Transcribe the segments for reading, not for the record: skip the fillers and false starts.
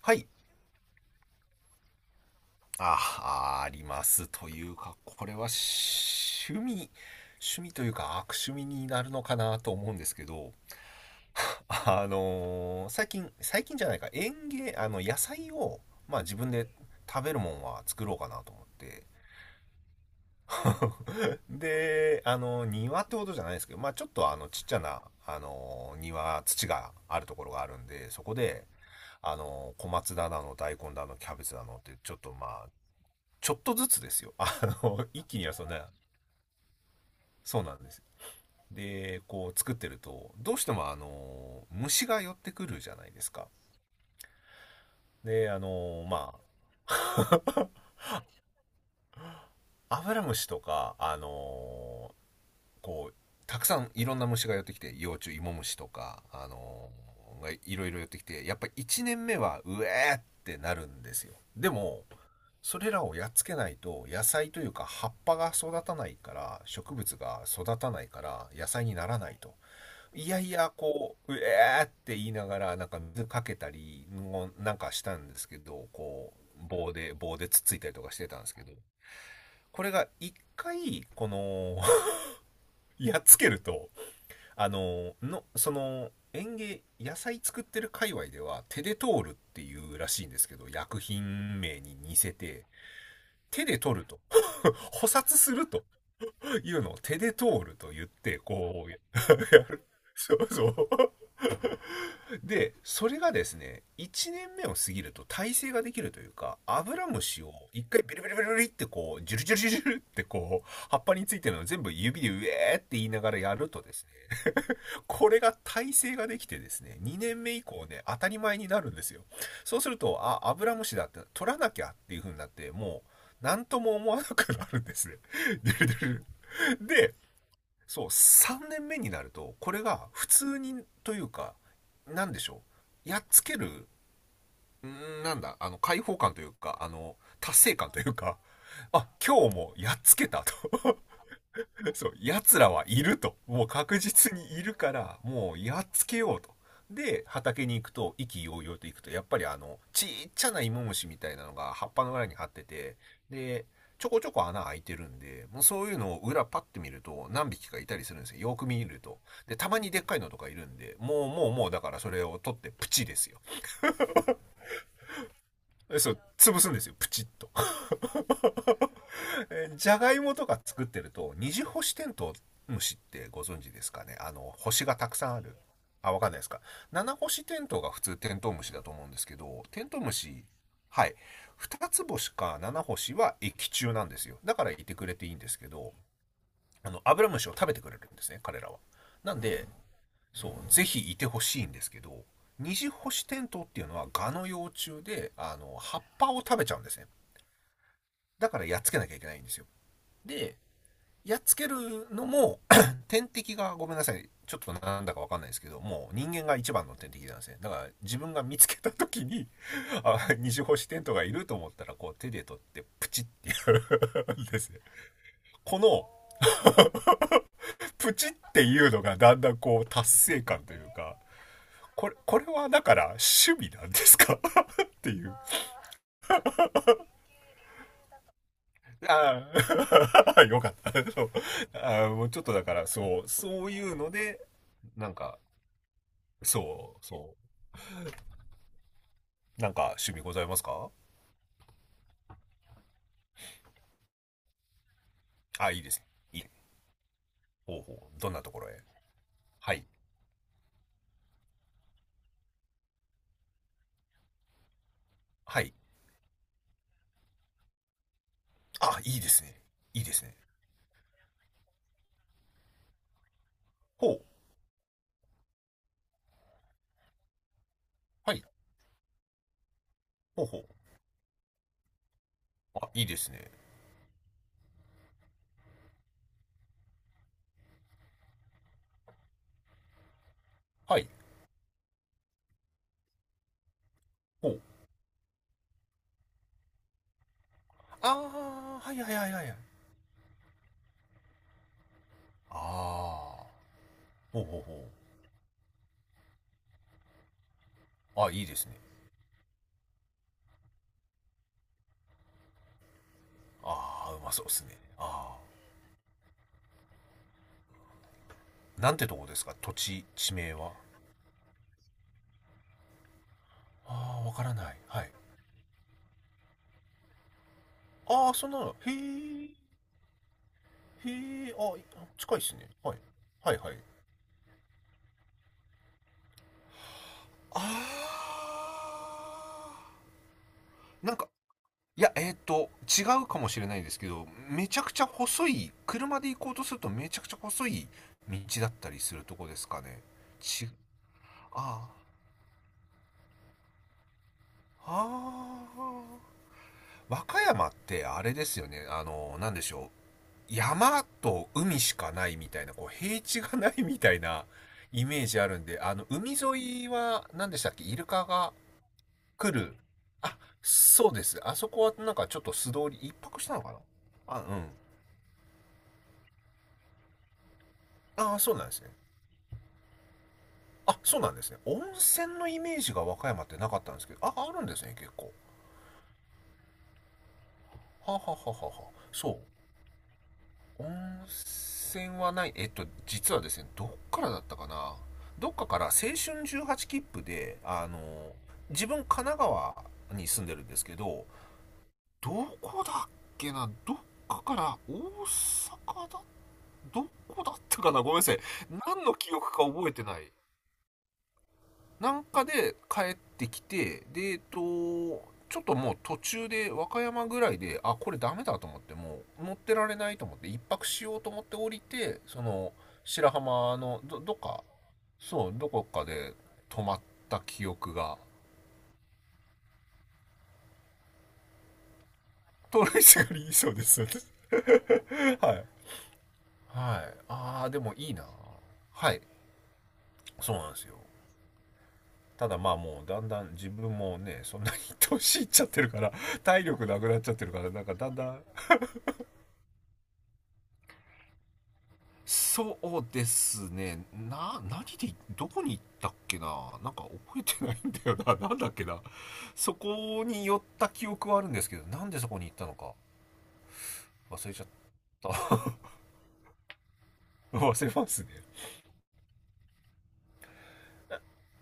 はい。あ、ありますというか、これは趣味、趣味というか悪趣味になるのかなと思うんですけど、最近、最近じゃないか、園芸、野菜を、まあ自分で食べるもんは作ろうかなと思って。で、庭ってことじゃないですけど、まあちょっとちっちゃな、庭、土があるところがあるんで、そこで、小松菜だの、大根だの、キャベツだのって、ちょっとまあ、ちょっとずつですよ。一気にはそんな、そうなんです。で、こう作ってると、どうしても虫が寄ってくるじゃないですか。で、まあ、アブラムシとか、こう、たくさんいろんな虫が寄ってきて、幼虫、イモムシとか、がいろいろ寄ってきて、やっぱ1年目は、うえーってなるんですよ。でも、それらをやっつけないと野菜というか葉っぱが育たないから植物が育たないから野菜にならないと、いやいや、こう、うえーって言いながら、なんか水かけたり、もなんかしたんですけど、こう、棒で、棒でつっついたりとかしてたんですけど、これが一回、この、やっつけると、あの、の、その、園芸、野菜作ってる界隈では、手で通るっていうらしいんですけど、薬品名に似せて、手で取ると、捕殺するというのを手で通ると言って、こう、やる、そうそう。でそれがですね、1年目を過ぎると耐性ができるというか、アブラムシを一回ビルビルビルリってこうジュルジュルジュルってこう葉っぱについてるのを全部指で「ウェー」って言いながらやるとですね、これが耐性ができてですね、2年目以降ね当たり前になるんですよ。そうすると、あ、アブラムシだって取らなきゃっていう風になって、もう何とも思わなくなるんですね。で、そう、3年目になると、これが普通にというか、なんでしょう。やっつける、なんだ、解放感というか、達成感というか、あ、今日もやっつけたと。そう、奴らはいると。もう確実にいるから、もうやっつけようと。で、畑に行くと、意気揚々と行くと、やっぱりちっちゃな芋虫みたいなのが葉っぱの裏に張ってて、で、ちょこちょこ穴開いてるんで、もうそういうのを裏パッて見ると何匹かいたりするんですよ。よく見ると。で、たまにでっかいのとかいるんで、もうだからそれを取ってプチですよ。そう、潰すんですよ、プチッと。じゃがいもとか作ってると、二次星テントウムシってご存知ですかね、あの星がたくさんある、あ、わかんないですか。七星テントウが普通テントウムシだと思うんですけど、テントウムシ、はい、二つ星か七星は液中なんですよ。だからいてくれていいんですけど、あのアブラムシを食べてくれるんですね、彼らは。なんで、そう、ぜひいてほしいんですけど、二次星テントウっていうのはガの幼虫で、あの葉っぱを食べちゃうんですね。だからやっつけなきゃいけないんですよ。で、やっつけるのも 天敵が、ごめんなさい、ちょっとなんだかわかんないですけど、もう人間が一番の天敵なんですね。だから自分が見つけた時に、 あ、二次星テントがいると思ったら、こう手で取ってプチってやるんですね。この、プチっていうのがだんだんこう達成感というか、これ、これはだから趣味なんですか っていう。ああ よかった。そう、ああ、もうちょっとだからそう、そういうので、なんか、そうそう。なんか趣味ございますか。あ、いいですね。いい。ほうほう。どんなところへ。はい。はい。あ、いいですね。いいですね。ほう。はい。ほうほう。あ、いいですね。はい。ほう。ああ、はいはいはいはい。ああ、ほうほうほう。あ、いいですね。ああ、うまそうですね。ああ、なんてとこですか、土地、地名は。ああ、わからない。はい。ああ、そんなの。へえ。へえ。あ、近いですね。はい。はいはい。ああ、なんか、いや、違うかもしれないですけど、めちゃくちゃ細い、車で行こうとするとめちゃくちゃ細い道だったりするとこですかね。ち、ああ、ああ。和歌山ってあれですよね、なんでしょう。山と海しかないみたいな、こう、平地がないみたいなイメージあるんで、海沿いは、何でしたっけ、イルカが来る。あ、そうです。あそこはなんかちょっと素通り、一泊したのかな。あ、うん。ああ、そうなんですね。あ、そうなんですね。温泉のイメージが和歌山ってなかったんですけど、あ、あるんですね、結構。はははははそう。温泉はない。えっと、実はですね、どっからだったかな。どっかから青春18切符で、自分神奈川に住んでるんですけど、どこだっけな、どっかから大阪だ、どこだったかな、ごめんなさい。何の記憶か覚えてない。なんかで帰ってきて、で、えっと、ちょっともう途中で和歌山ぐらいで、あ、これダメだと思って、もう乗ってられないと思って、一泊しようと思って降りて、その白浜のど、どっか、そう、どこかで泊まった記憶が、盗塁者がいいそうです。 はいはい。あー、でもいいな。はい、そうなんですよ。ただまあ、もうだんだん自分もね、そんなに 年いっちゃってるから、体力なくなっちゃってるから、なんかだんだん、そうですね。な、何で、どこに行ったっけな。なんか覚えてないんだよな。なんだっけな。そこに寄った記憶はあるんですけど、なんでそこに行ったのか忘れちゃった。忘れますね。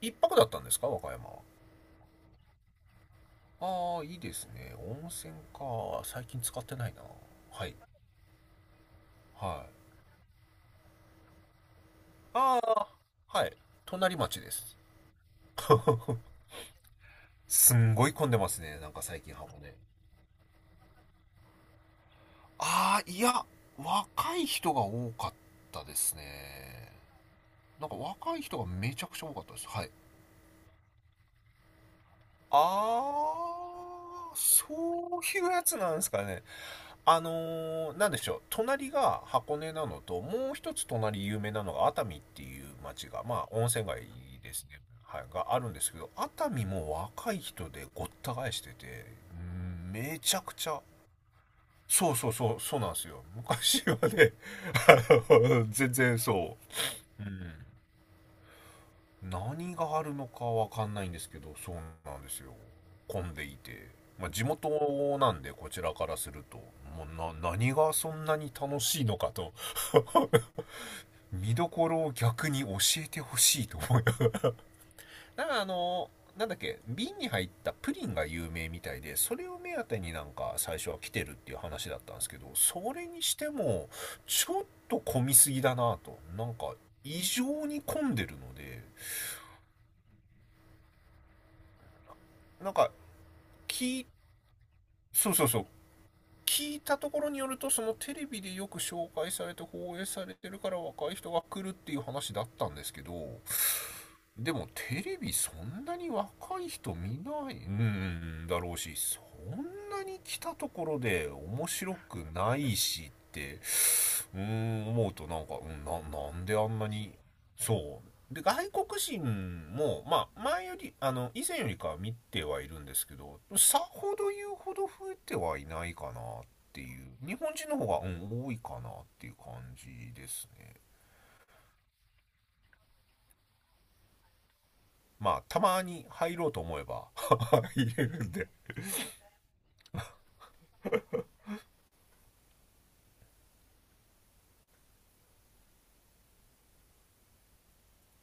一泊だったんですか、和歌山は。ああ、いいですね。温泉か。最近使ってないな。はい。はい。ああ、はい。隣町です。すんごい混んでますね。なんか最近箱根。ああ、いや、若い人が多かったですね。なんか若い人がめちゃくちゃ多かったです。はい。あそういうやつなんですかね。あのなんでしょう。隣が箱根なのと、もう一つ隣有名なのが熱海っていう町が、まあ温泉街ですね。はい、があるんですけど、熱海も若い人でごった返してて、うんめちゃくちゃ、そうそうそう、そうなんですよ。昔はね、あ全然そう。うん、何があるのかわかんないんですけど、そうなんですよ。混んでいて。まあ、地元なんで、こちらからすると、もう、な、何がそんなに楽しいのかと、見どころを逆に教えてほしいと思います。なんからなんだっけ、瓶に入ったプリンが有名みたいで、それを目当てになんか最初は来てるっていう話だったんですけど、それにしても、ちょっと混みすぎだなと。なんか、異常に混んでるので、なんか、聞い、そうそうそう、聞いたところによると、そのテレビでよく紹介されて放映されてるから若い人が来るっていう話だったんですけど、でもテレビそんなに若い人見ないんだろうし、そんなに来たところで面白くないしって、うーん、思うと、なんか、うん、な、なんであんなに、そうで外国人もまあ前より、以前よりかは見てはいるんですけど、さほど言うほど増えてはいないかなっていう、日本人の方が、うん、多いかなっていう感じですね。まあたまに入ろうと思えば 入れるんで